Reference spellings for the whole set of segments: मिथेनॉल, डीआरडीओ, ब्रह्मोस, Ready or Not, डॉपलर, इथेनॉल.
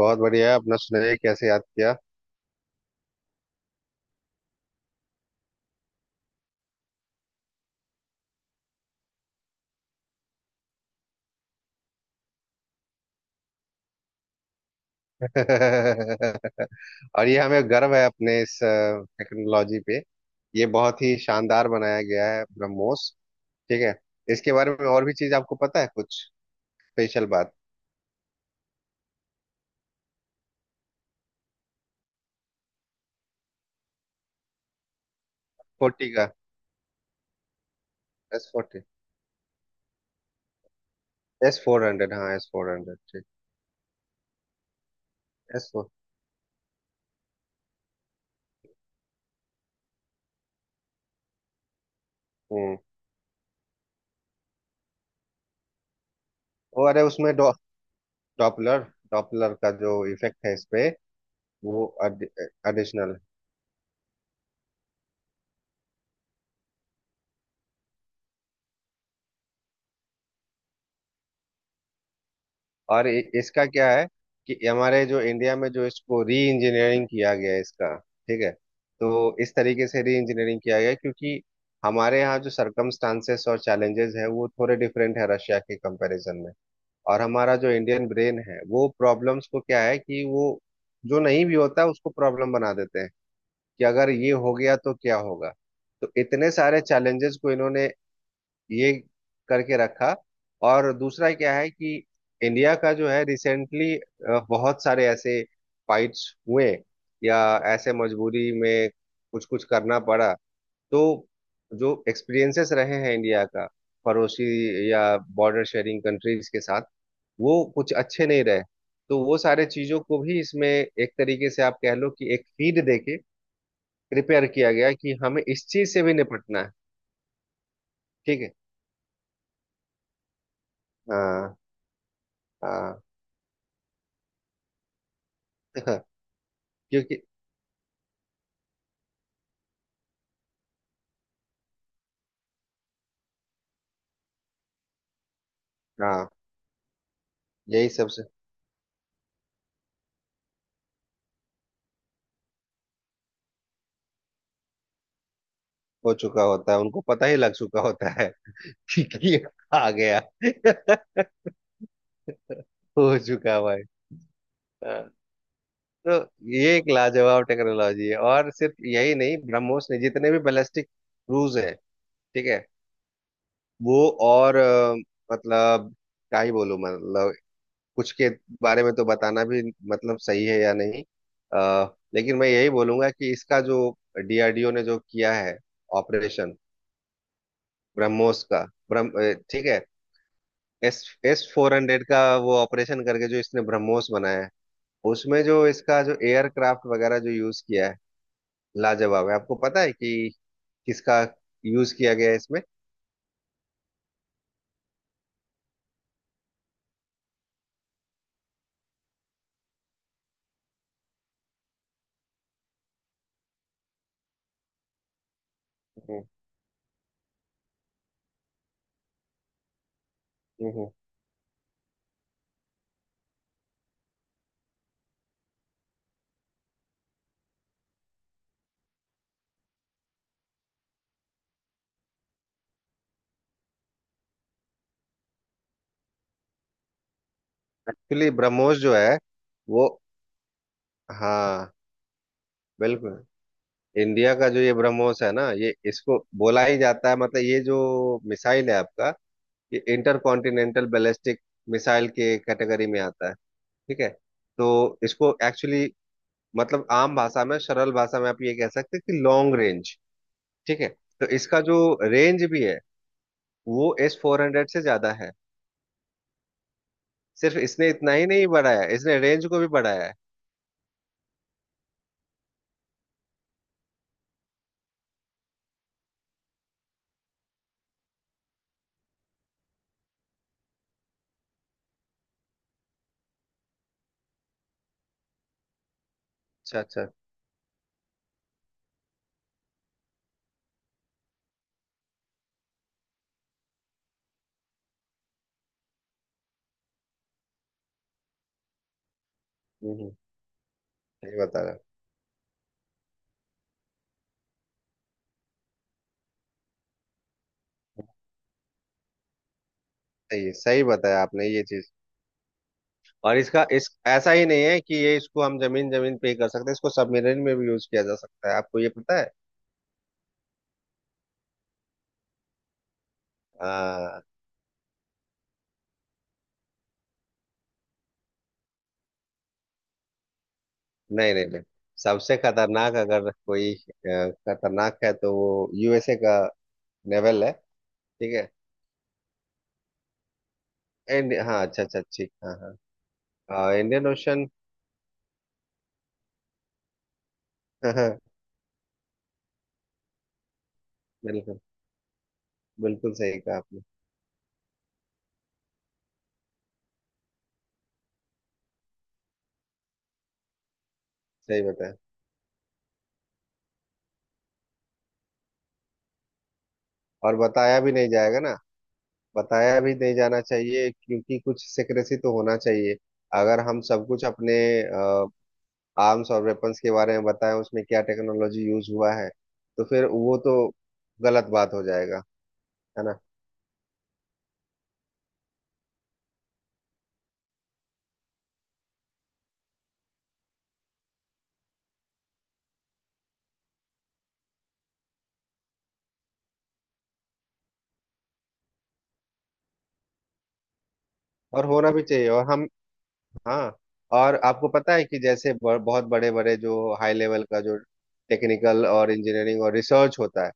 बहुत बढ़िया। अपना सुनाइए, कैसे याद किया? और ये हमें गर्व है अपने इस टेक्नोलॉजी पे। ये बहुत ही शानदार बनाया गया है ब्रह्मोस। ठीक है। इसके बारे में और भी चीज आपको पता है कुछ स्पेशल बात? फोर्टी का। S forty. S four hundred, हाँ एस फोर हंड्रेड, ठीक। S four. हम्म ओ अरे, उसमें डॉ डॉपलर डॉपलर का जो इफेक्ट है इस पे, वो एडिशनल। और इसका क्या है कि हमारे जो इंडिया में जो इसको री इंजीनियरिंग किया गया है इसका, ठीक है। तो इस तरीके से री इंजीनियरिंग किया गया है, क्योंकि हमारे यहाँ जो सरकमस्टांसेस और चैलेंजेस है वो थोड़े डिफरेंट है रशिया के कंपैरिजन में। और हमारा जो इंडियन ब्रेन है वो प्रॉब्लम्स को क्या है कि वो जो नहीं भी होता उसको प्रॉब्लम बना देते हैं कि अगर ये हो गया तो क्या होगा। तो इतने सारे चैलेंजेस को इन्होंने ये करके रखा। और दूसरा क्या है कि इंडिया का जो है रिसेंटली बहुत सारे ऐसे फाइट्स हुए, या ऐसे मजबूरी में कुछ कुछ करना पड़ा। तो जो एक्सपीरियंसेस रहे हैं इंडिया का पड़ोसी या बॉर्डर शेयरिंग कंट्रीज के साथ, वो कुछ अच्छे नहीं रहे। तो वो सारे चीजों को भी इसमें एक तरीके से आप कह लो कि एक फीड देके प्रिपेयर किया गया कि हमें इस चीज से भी निपटना है। ठीक है। हाँ। हाँ। क्योंकि, हाँ। यही सबसे। हो चुका होता है, उनको पता ही लग चुका होता है। कि आ गया। हो चुका भाई। हाँ। तो ये एक लाजवाब टेक्नोलॉजी है, और सिर्फ यही नहीं, ब्रह्मोस ने जितने भी बैलिस्टिक क्रूज हैं, ठीक है, वो और मतलब क्या ही बोलूं, मतलब कुछ के बारे में तो बताना भी मतलब सही है या नहीं। लेकिन मैं यही बोलूंगा कि इसका जो डीआरडीओ ने जो किया है ऑपरेशन ब्रह्मोस का, ठीक है। एस एस फोर हंड्रेड का वो ऑपरेशन करके जो इसने ब्रह्मोस बनाया है, उसमें जो इसका जो एयरक्राफ्ट वगैरह जो यूज किया है, लाजवाब है। आपको पता है कि किसका यूज किया गया है इसमें? एक्चुअली ब्रह्मोस जो है वो, हाँ, बिल्कुल। इंडिया का जो ये ब्रह्मोस है ना, ये इसको बोला ही जाता है, मतलब ये जो मिसाइल है आपका, ये इंटर कॉन्टिनेंटल बैलिस्टिक मिसाइल के कैटेगरी में आता है। ठीक है। तो इसको एक्चुअली मतलब आम भाषा में सरल भाषा में आप ये कह सकते हैं कि लॉन्ग रेंज, ठीक है। तो इसका जो रेंज भी है वो एस फोर हंड्रेड से ज्यादा है। सिर्फ इसने इतना ही नहीं बढ़ाया, इसने रेंज को भी बढ़ाया है। अच्छा अच्छा। हम्म हम्म, सही बता रहा। सही है, सही बताया आपने ये चीज। और इसका इस ऐसा ही नहीं है कि ये इसको हम जमीन जमीन पे ही कर सकते हैं, इसको सबमरीन में भी यूज किया जा सकता है, आपको ये पता है? आ, नहीं नहीं नहीं। सबसे खतरनाक अगर कोई खतरनाक है तो वो यूएसए का नेवल है। ठीक है। एंड हाँ, अच्छा अच्छा ठीक, हाँ हाँ। हाँ इंडियन ओशन। हाँ हाँ। बिल्कुल। बिल्कुल सही कहा आपने। सही बताया। और बताया भी नहीं जाएगा ना। बताया भी नहीं जाना चाहिए, क्योंकि कुछ सिक्रेसी तो होना चाहिए। अगर हम सब कुछ अपने आर्म्स और वेपन्स के बारे में बताएं उसमें क्या टेक्नोलॉजी यूज हुआ है तो फिर वो तो गलत बात हो जाएगा। है ना। और होना भी चाहिए। और हम, हाँ। और आपको पता है कि जैसे बहुत बड़े बड़े जो हाई लेवल का जो टेक्निकल और इंजीनियरिंग और रिसर्च होता है,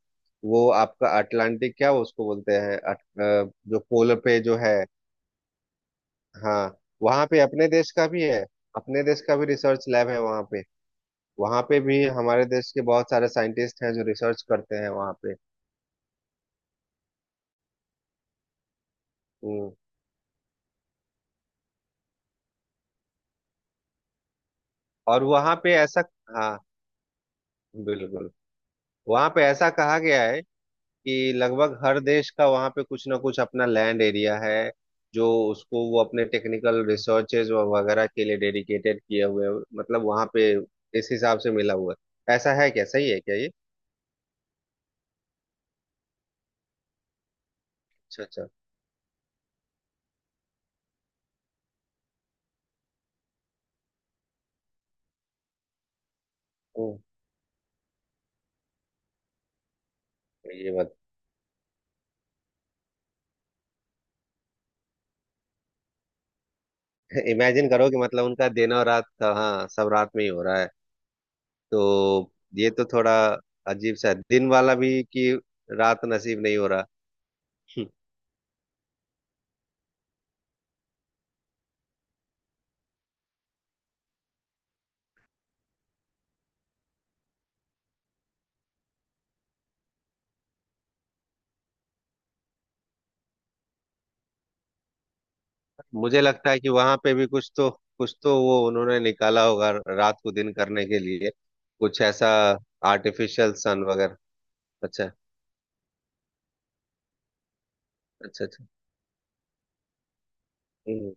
वो आपका अटलांटिक क्या उसको बोलते हैं जो पोलर पे जो है। हाँ। वहाँ पे अपने देश का भी है। अपने देश का भी रिसर्च लैब है वहाँ पे। वहाँ पे भी हमारे देश के बहुत सारे साइंटिस्ट हैं जो रिसर्च करते हैं वहाँ पे। हम्म और वहाँ पे ऐसा, हाँ, बिल्कुल। वहाँ पे ऐसा कहा गया है कि लगभग हर देश का वहाँ पे कुछ ना कुछ अपना लैंड एरिया है, जो उसको वो अपने टेक्निकल रिसर्चेज वगैरह के लिए डेडिकेटेड किए हुए हैं। मतलब वहाँ पे इस हिसाब से मिला हुआ है। ऐसा है क्या? सही है क्या ये? अच्छा अच्छा। ओ, ये मत। इमेजिन करो कि मतलब उनका दिन और रात का, हाँ, सब रात में ही हो रहा है। तो ये तो थोड़ा अजीब सा है, दिन वाला भी कि रात नसीब नहीं हो रहा। मुझे लगता है कि वहां पे भी कुछ तो, कुछ तो वो उन्होंने निकाला होगा रात को दिन करने के लिए, कुछ ऐसा, आर्टिफिशियल सन वगैरह। अच्छा अच्छा। अच्छा। हम्म,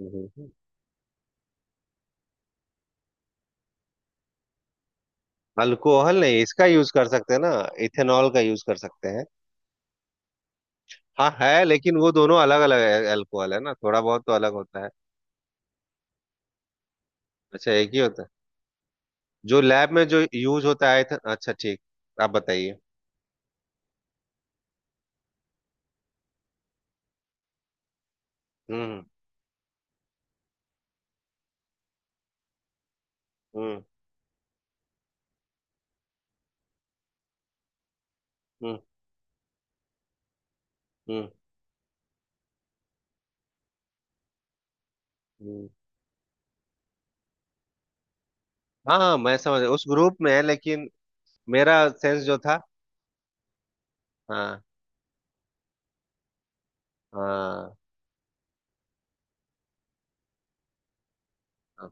हम्म। अल्कोहल नहीं, इसका यूज कर सकते हैं ना। इथेनॉल का यूज कर सकते हैं। हाँ है, लेकिन वो दोनों अलग अलग है। अल्कोहल है ना थोड़ा बहुत तो अलग होता है। अच्छा, एक ही होता है जो लैब में जो यूज होता है? अच्छा, ठीक। आप बताइए। हम्म हम्म हम्म हम्म हम्म। हाँ हाँ मैं समझ उस ग्रुप में है, लेकिन मेरा सेंस जो था। हाँ हाँ। हाँ,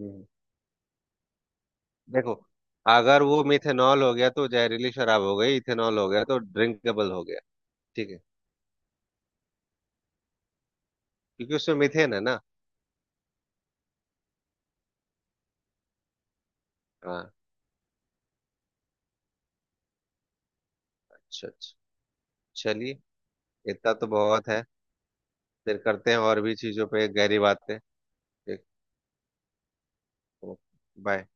हम्म। देखो, अगर वो मिथेनॉल हो गया तो जहरीली शराब हो गई, इथेनॉल हो गया तो ड्रिंकेबल हो गया। ठीक है। क्योंकि उसमें मिथेन है ना। हाँ। अच्छा अच्छा। चलिए। इतना तो बहुत है। फिर करते हैं और भी चीजों पे गहरी बातें। ठीक। Okay, bye.